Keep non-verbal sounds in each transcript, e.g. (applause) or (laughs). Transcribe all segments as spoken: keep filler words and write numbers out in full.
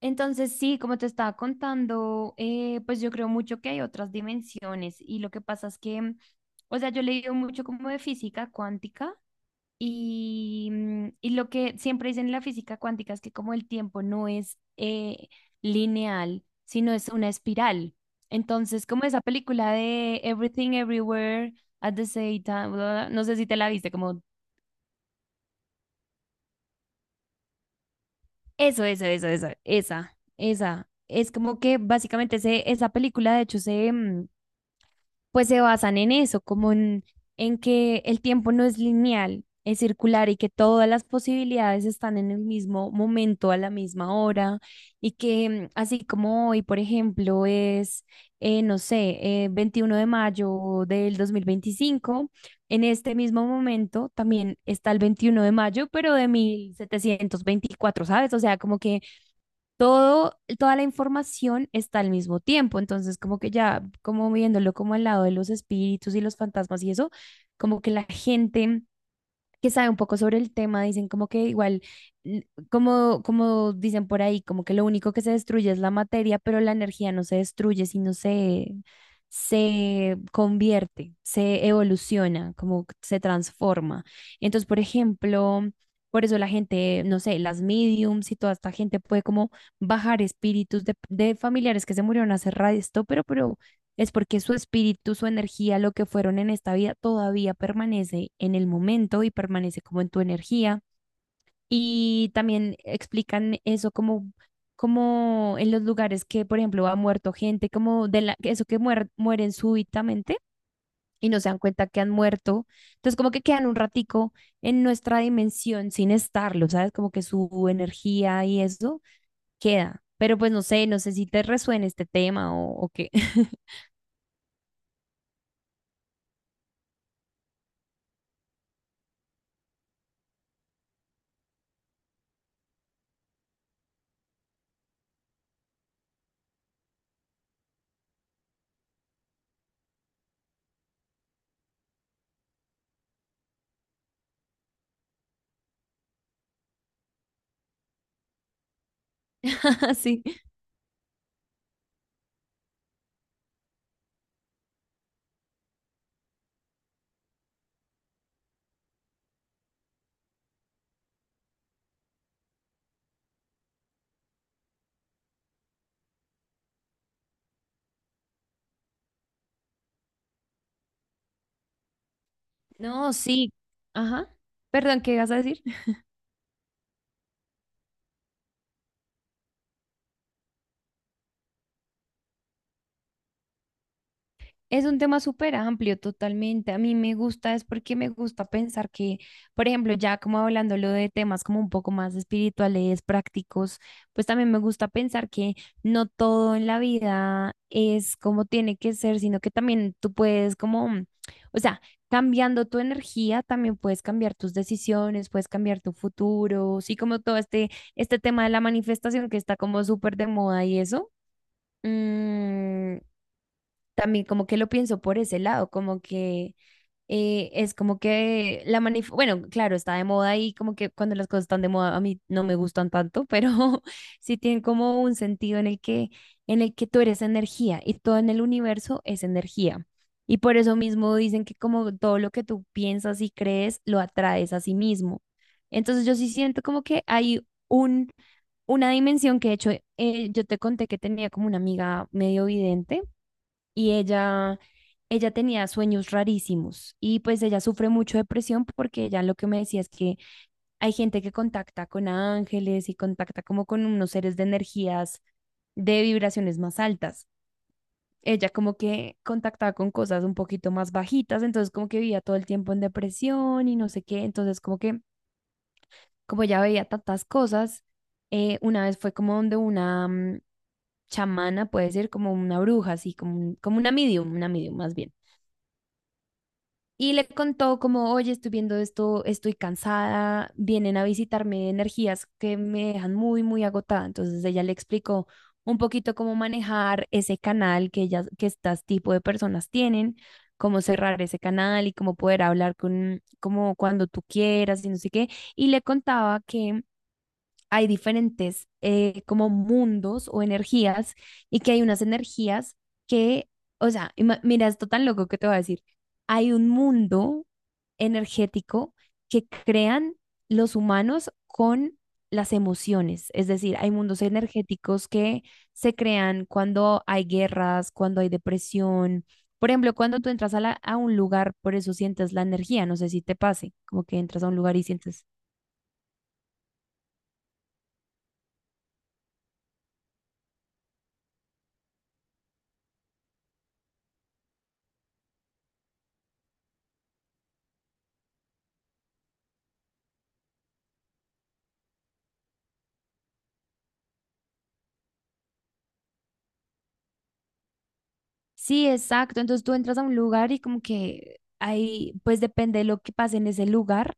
Entonces, sí, como te estaba contando, eh, pues yo creo mucho que hay otras dimensiones y lo que pasa es que, o sea, yo he leído mucho como de física cuántica y, mm, y lo que siempre dicen en la física cuántica es que como el tiempo no es eh, lineal, sino es una espiral. Entonces, como esa película de Everything Everywhere at the same time, bla, bla, bla, no sé si te la viste, como eso, eso, eso, eso, esa, esa. Es como que básicamente ese- esa película, de hecho, se... mm, pues se basan en eso, como en, en que el tiempo no es lineal, es circular y que todas las posibilidades están en el mismo momento, a la misma hora, y que mm, así como hoy, por ejemplo, es, eh, no sé, eh, veintiuno de mayo del dos mil veinticinco en este mismo momento también está el veintiuno de mayo, pero de mil setecientos veinticuatro. ¿Sabes? O sea, como que todo, toda la información está al mismo tiempo. Entonces, como que ya, como viéndolo como al lado de los espíritus y los fantasmas y eso, como que la gente que sabe un poco sobre el tema, dicen como que igual, l- como, como dicen por ahí, como que lo único que se destruye es la materia, pero la energía no se destruye, sino se, se convierte, se evoluciona, como que se transforma. Entonces, por ejemplo, por eso la gente, no sé, las mediums y toda esta gente puede como bajar espíritus de, de familiares que se murieron hace rato, pero, pero es porque su espíritu, su energía, lo que fueron en esta vida, todavía permanece en el momento y permanece como en tu energía. Y también explican eso como, como en los lugares que, por ejemplo, ha muerto gente, como de la, eso que muer- mueren súbitamente y no se dan cuenta que han muerto. Entonces, como que quedan un ratico en nuestra dimensión sin estarlo, ¿sabes? Como que su energía y eso queda. Pero pues no sé, no sé, si te resuena este tema o, o qué. (laughs) Sí. No, sí. Ajá. Perdón, ¿qué ibas a decir? Es un tema súper amplio, totalmente. A mí me gusta, es porque me gusta pensar que, por ejemplo, ya como hablándolo de temas como un poco más espirituales, prácticos, pues también me gusta pensar que no todo en la vida es como tiene que ser, sino que también tú puedes como, mm, o sea, cambiando tu energía, también puedes cambiar tus decisiones, puedes cambiar tu futuro, sí, como todo este, este tema de la manifestación que está como súper de moda y eso. Mm, también como que lo pienso por ese lado, como que eh, es como que la manif bueno, claro, está de moda y como que cuando las cosas están de moda a mí no me gustan tanto, pero (laughs) sí tienen como un sentido en el que en el que tú eres energía y todo en el universo es energía. Y por eso mismo dicen que como todo lo que tú piensas y crees lo atraes a sí mismo. Entonces yo sí siento como que hay un una dimensión que de hecho eh, yo te conté que tenía como una amiga medio vidente y ella, ella tenía sueños rarísimos y pues ella sufre mucho depresión porque ella lo que me decía es que hay gente que contacta con ángeles y contacta como con unos seres de energías de vibraciones más altas. Ella como que contactaba con cosas un poquito más bajitas, entonces como que vivía todo el tiempo en depresión y no sé qué, entonces como que como ella veía tantas cosas, eh, una vez fue como donde una mm, chamana, puede ser como una bruja, así como, un- como una medium, una medium más bien. Y le contó como, oye, estoy viendo esto, estoy cansada, vienen a visitarme energías que me dejan muy, muy agotada. Entonces ella le explicó un poquito cómo manejar ese canal que ellas, que estas tipo de personas tienen, cómo cerrar ese canal y cómo poder hablar con, como cuando tú quieras y no sé qué. Y le contaba que hay diferentes eh, como mundos o energías y que hay unas energías que, o sea, ima- mira, esto tan loco que te voy a decir, hay un mundo energético que crean los humanos con las emociones, es decir, hay mundos energéticos que se crean cuando hay guerras, cuando hay depresión. Por ejemplo, cuando tú entras a, la- a un lugar, por eso sientes la energía, no sé si te pase, como que entras a un lugar y sientes. Sí, exacto. Entonces tú entras a un lugar y como que ahí, pues depende de lo que pase en ese lugar,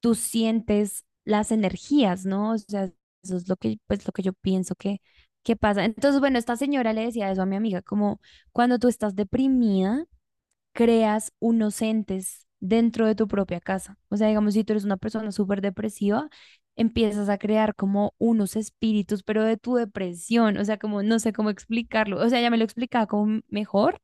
tú sientes las energías, ¿no? O sea, eso es lo que, pues lo que yo pienso que, que, pasa. Entonces, bueno, esta señora le decía eso a mi amiga, como cuando tú estás deprimida, creas unos entes dentro de tu propia casa. O sea, digamos, si tú eres una persona súper depresiva, empiezas a crear como unos espíritus, pero de tu depresión. O sea, como no sé cómo explicarlo. O sea, ya me lo explicaba como mejor,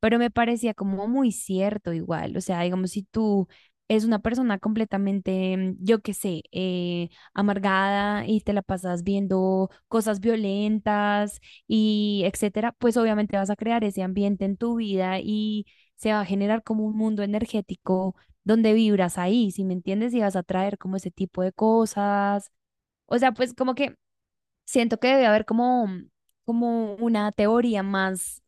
pero me parecía como muy cierto igual, o sea, digamos, si tú es una persona completamente, mm, yo qué sé, eh, amargada y te la pasas viendo cosas violentas y etcétera, pues obviamente vas a crear ese ambiente en tu vida y se va a generar como un mundo energético donde vibras ahí, si me entiendes, y vas a traer como ese tipo de cosas. O sea, pues como que siento que debe haber como, como una teoría más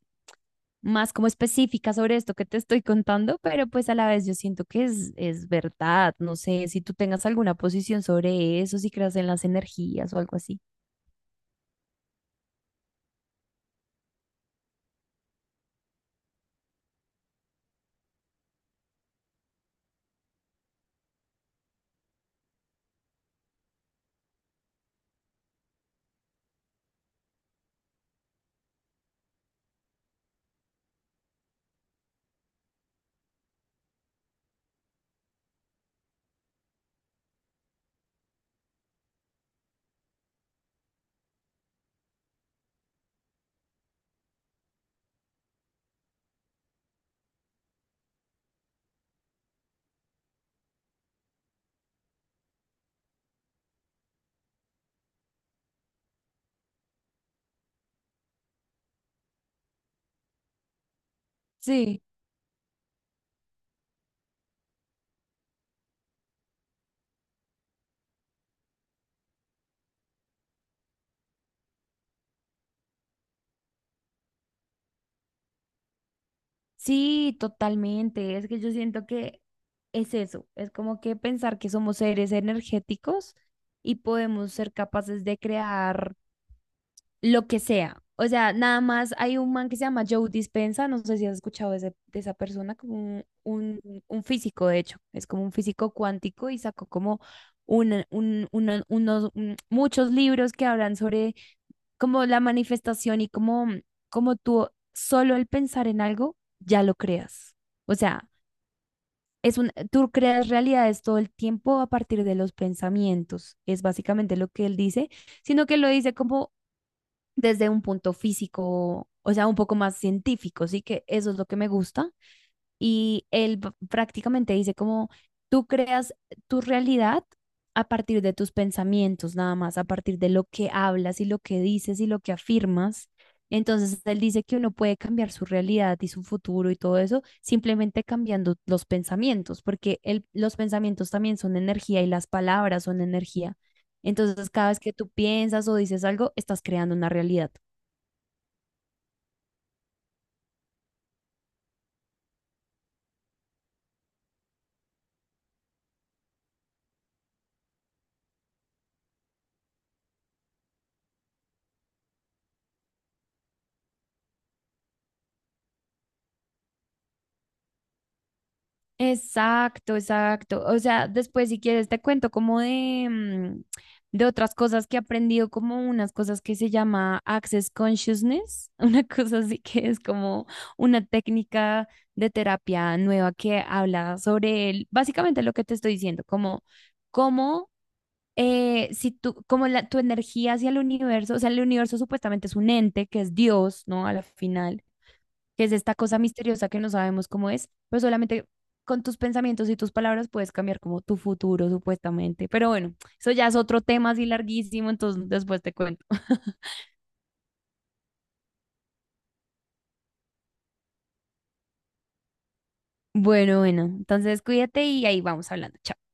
más como específica sobre esto que te estoy contando, pero pues a la vez yo siento que es, es verdad. No sé si tú tengas alguna posición sobre eso, si creas en las energías o algo así. Sí. Sí, totalmente. Es que yo siento que es eso, es como que pensar que somos seres energéticos y podemos ser capaces de crear lo que sea. O sea, nada más hay un man que se llama Joe Dispenza, no sé si has escuchado de, ese- de esa persona, como un, un- un físico, de hecho, es como un físico cuántico y sacó como una- un- una- unos, mm, muchos libros que hablan sobre como la manifestación y como, como tú solo el pensar en algo ya lo creas. O sea, es un, tú creas realidades todo el tiempo a partir de los pensamientos, es básicamente lo que él dice, sino que lo dice como desde un punto físico, o sea, un poco más científico, sí que eso es lo que me gusta. Y él p- prácticamente dice como tú creas tu realidad a partir de tus pensamientos, nada más, a partir de lo que hablas y lo que dices y lo que afirmas. Entonces, él dice que uno puede cambiar su realidad y su futuro y todo eso simplemente cambiando los pensamientos, porque el- los pensamientos también son energía y las palabras son energía. Entonces, cada vez que tú piensas o dices algo, estás creando una realidad. Exacto, exacto. O sea, después si quieres te cuento como de, mm, de otras cosas que he aprendido, como unas cosas que se llama Access Consciousness, (laughs) una cosa así que es como una técnica de terapia nueva que habla sobre el- básicamente lo que te estoy diciendo, como cómo eh, si tú, como la, tu energía hacia el universo, o sea, el universo supuestamente es un ente que es Dios, ¿no? A la final que es esta cosa misteriosa que no sabemos cómo es, pero solamente con tus pensamientos y tus palabras puedes cambiar como tu futuro, supuestamente. Pero bueno, eso ya es otro tema así larguísimo, entonces después te cuento. (laughs) Bueno, bueno, entonces cuídate y ahí vamos hablando. Chao.